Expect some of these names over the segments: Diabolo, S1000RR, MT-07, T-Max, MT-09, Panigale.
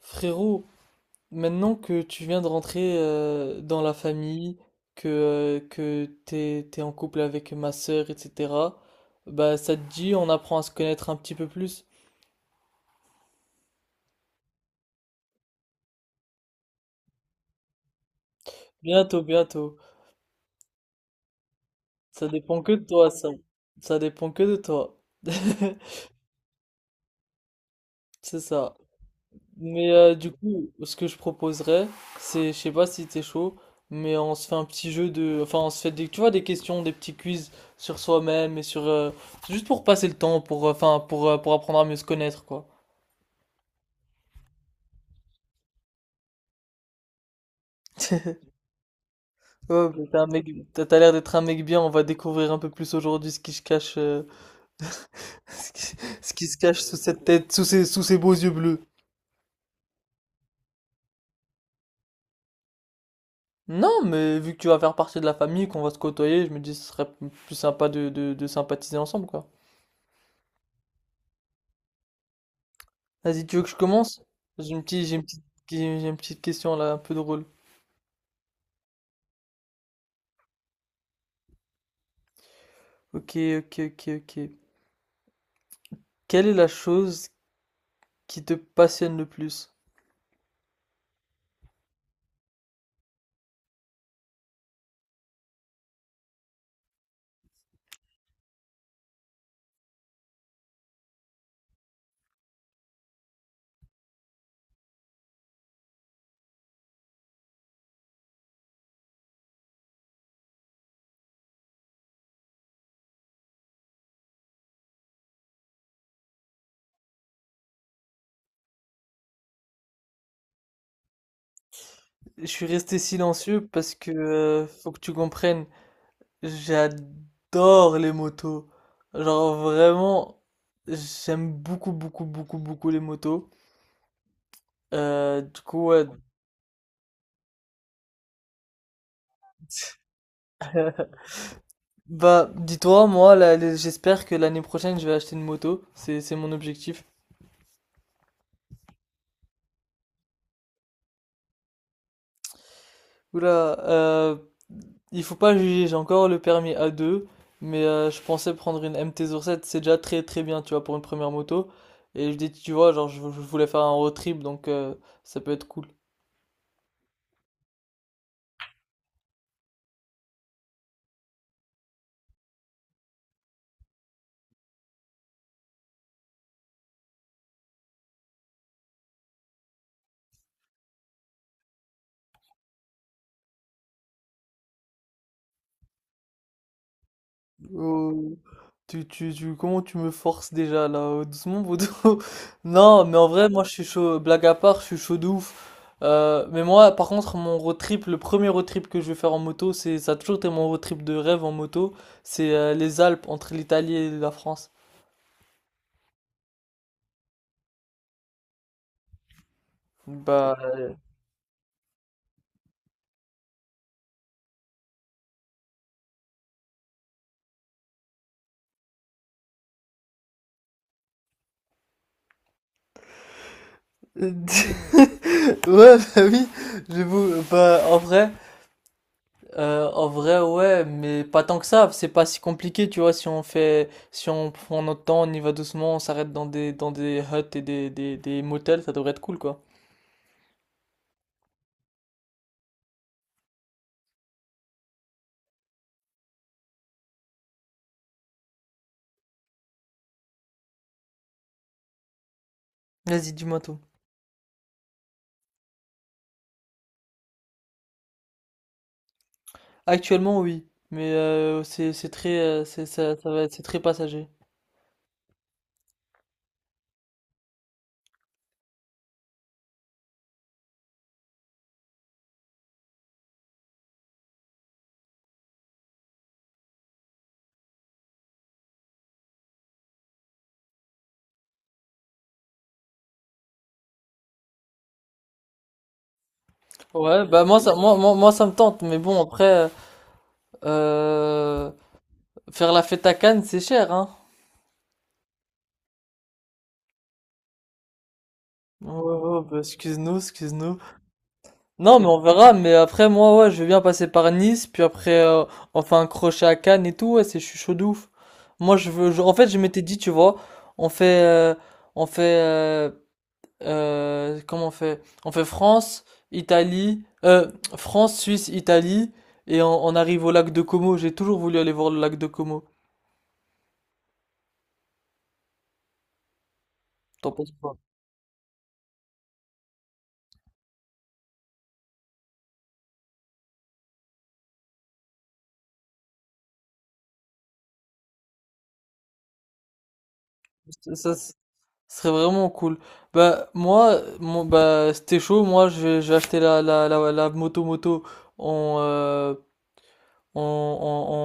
Frérot, maintenant que tu viens de rentrer dans la famille, que t'es en couple avec ma sœur, etc., bah ça te dit, on apprend à se connaître un petit peu plus. Bientôt, bientôt. Ça dépend que de toi, ça. Ça dépend que de toi. C'est ça. Mais du coup, ce que je proposerais, c'est, je sais pas si t'es chaud, mais on se fait un petit jeu de, enfin, on se fait des, tu vois, des questions, des petits quiz sur soi-même et juste pour passer le temps, enfin, pour apprendre à mieux se connaître, quoi. Ouais, mais t'es un mec, t'as l'air d'être un mec bien. On va découvrir un peu plus aujourd'hui ce qui se cache, ce qui, ce qui se cache sous cette tête, sous ces beaux yeux bleus. Non, mais vu que tu vas faire partie de la famille, qu'on va se côtoyer, je me dis ce serait plus sympa de sympathiser ensemble, quoi. Vas-y, tu veux que je commence? J'ai une petite, j'ai une petite, j'ai une petite question là, un peu drôle. Ok, ok, ok, ok. Quelle est la chose qui te passionne le plus? Je suis resté silencieux parce que faut que tu comprennes, j'adore les motos. Genre vraiment, j'aime beaucoup, beaucoup, beaucoup, beaucoup les motos. Du coup, ouais. Bah, dis-toi, moi, là, j'espère que l'année prochaine, je vais acheter une moto. C'est mon objectif. Oula, il faut pas juger, j'ai encore le permis A2, mais je pensais prendre une MT-07, c'est déjà très très bien, tu vois, pour une première moto. Et je dis, tu vois, genre, je voulais faire un road trip, donc ça peut être cool. Oh, comment tu me forces déjà là, doucement, Bodo? Non, mais en vrai, moi je suis chaud, blague à part, je suis chaud de ouf. Mais moi, par contre, mon road trip, le premier road trip que je vais faire en moto, c'est, ça a toujours été mon road trip de rêve en moto, c'est les Alpes entre l'Italie et la France. Bah, ouais, bah oui, j'avoue, bah, en vrai, ouais, mais pas tant que ça, c'est pas si compliqué, tu vois, si on fait, si on prend notre temps, on y va doucement, on s'arrête dans des, des motels, ça devrait être cool, quoi. Vas-y, dis-moi tout. Actuellement, oui, mais c'est très, c'est, ça va, c'est très passager. Ouais, bah, moi, ça, moi, ça me tente, mais bon, après, euh, faire la fête à Cannes, c'est cher, hein. Oh, oh, oh, bah, excuse-nous, excuse-nous. Non, mais on verra. Mais après, moi, ouais, je vais bien passer par Nice. Puis après, on fait un crochet à Cannes et tout. Ouais, c'est, je suis chaud de ouf. Moi, je veux. En fait, je m'étais dit, tu vois, on fait. On fait. Comment on fait? On fait France, Italie. France, Suisse, Italie. Et on arrive au lac de Como. J'ai toujours voulu aller voir le lac de Como. T'en penses quoi? Ça, ça, Ce serait vraiment cool. Bah, bah, c'était chaud. Moi, je vais acheter la moto en, euh, en,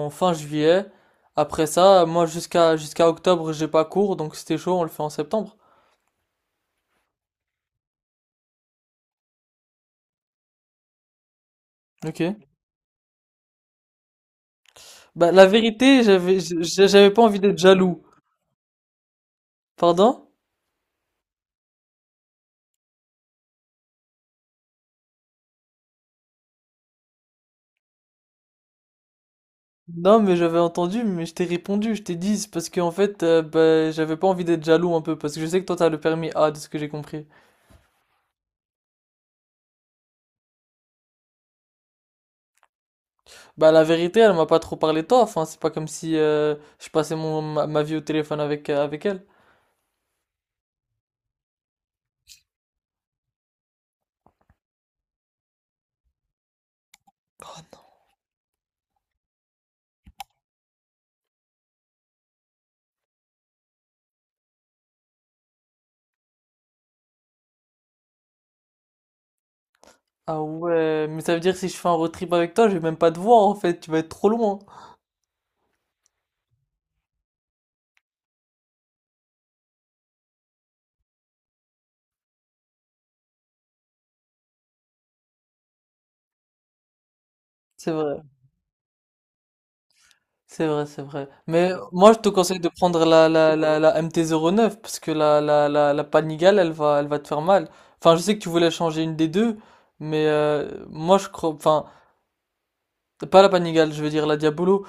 en, en fin juillet. Après ça, moi, jusqu'à octobre, j'ai pas cours. Donc, c'était chaud, on le fait en septembre. Ok. Bah, la vérité, j'avais pas envie d'être jaloux. Pardon? Non, mais j'avais entendu, mais je t'ai répondu, je t'ai dit. C'est parce qu'en fait, bah, j'avais pas envie d'être jaloux un peu. Parce que je sais que toi, t'as le permis A, de ce que j'ai compris. Bah la vérité, elle m'a pas trop parlé taf, hein. C'est pas comme si je passais ma vie au téléphone avec, avec elle. Ah ouais, mais ça veut dire que si je fais un road trip avec toi, je vais même pas te voir en fait, tu vas être trop loin. C'est vrai, c'est vrai. Mais moi je te conseille de prendre la MT-09 parce que la Panigale, elle va te faire mal. Enfin, je sais que tu voulais changer une des deux, mais moi je crois, enfin, pas la Panigale, je veux dire la Diabolo.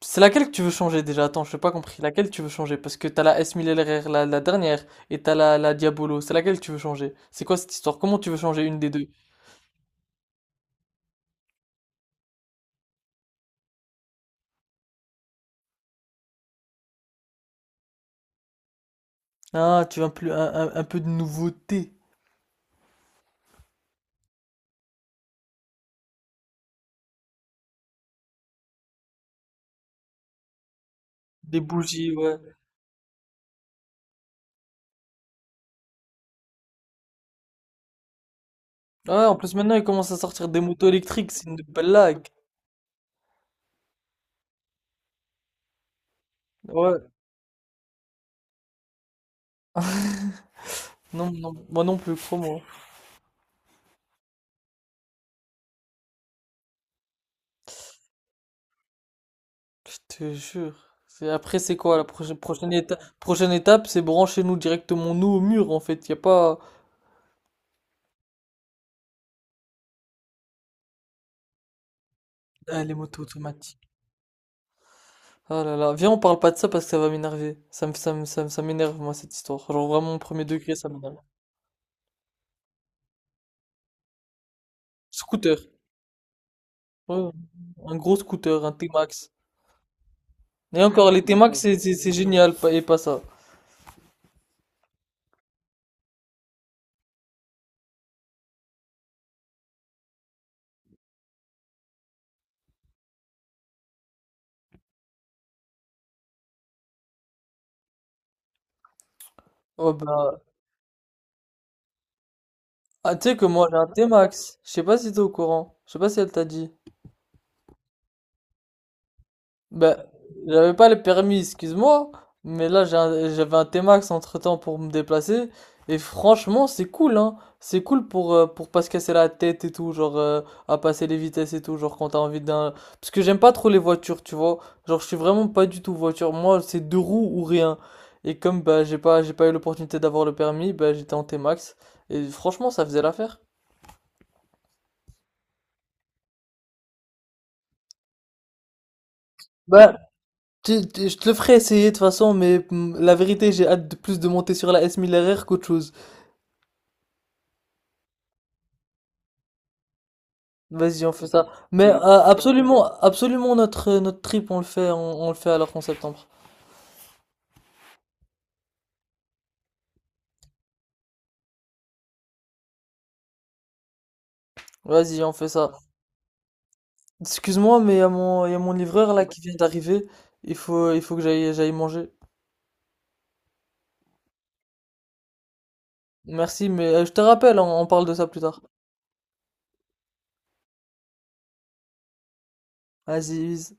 C'est laquelle que tu veux changer déjà? Attends, je n'ai pas compris. Laquelle tu veux changer? Parce que t'as la S1000RR, la dernière, et t'as la Diabolo. C'est laquelle que tu veux changer? C'est quoi cette histoire? Comment tu veux changer une des deux? Ah, tu veux un, plus, un, un peu de nouveauté. Des bougies, ouais. Ouais, en plus maintenant ils commencent à sortir des motos électriques, c'est une blague. Ouais, non, non, moi non plus, crois-moi. Je te jure. Après, c'est quoi prochaine étape? Prochaine étape, c'est brancher nous directement nous au mur en fait. Y a pas. Ah, les motos automatiques. Ah là là, viens, on parle pas de ça parce que ça va m'énerver. Ça m'énerve, moi, cette histoire. Genre, vraiment, au premier degré, ça m'énerve. Scooter. Ouais, un gros scooter, un T-Max. Et encore, les T-Max, c'est génial, et pas ça. Oh bah. Ah, tu sais que moi, j'ai un T-Max. Je sais pas si t'es au courant. Je sais pas si elle t'a dit. Ben j'avais pas le permis, excuse-moi, mais j'avais un T-Max entre-temps pour me déplacer, et franchement c'est cool, hein. C'est cool pour pas se casser la tête et tout, genre à passer les vitesses et tout, genre quand t'as envie d'un... Parce que j'aime pas trop les voitures, tu vois. Genre je suis vraiment pas du tout voiture, moi c'est deux roues ou rien. Et comme bah j'ai pas eu l'opportunité d'avoir le permis, bah j'étais en T-Max, et franchement ça faisait l'affaire. Bah, je te le ferai essayer de toute façon, mais mm, la vérité j'ai hâte de plus de monter sur la S1000RR qu'autre chose. Vas-y, on fait ça. Mais absolument, absolument notre notre trip, on le fait, on le fait alors qu'en septembre. Vas-y, on fait ça. Excuse-moi, mais il y a mon livreur là qui vient d'arriver. Il faut que j'aille manger. Merci, mais je te rappelle, on parle de ça plus tard. Vas-y,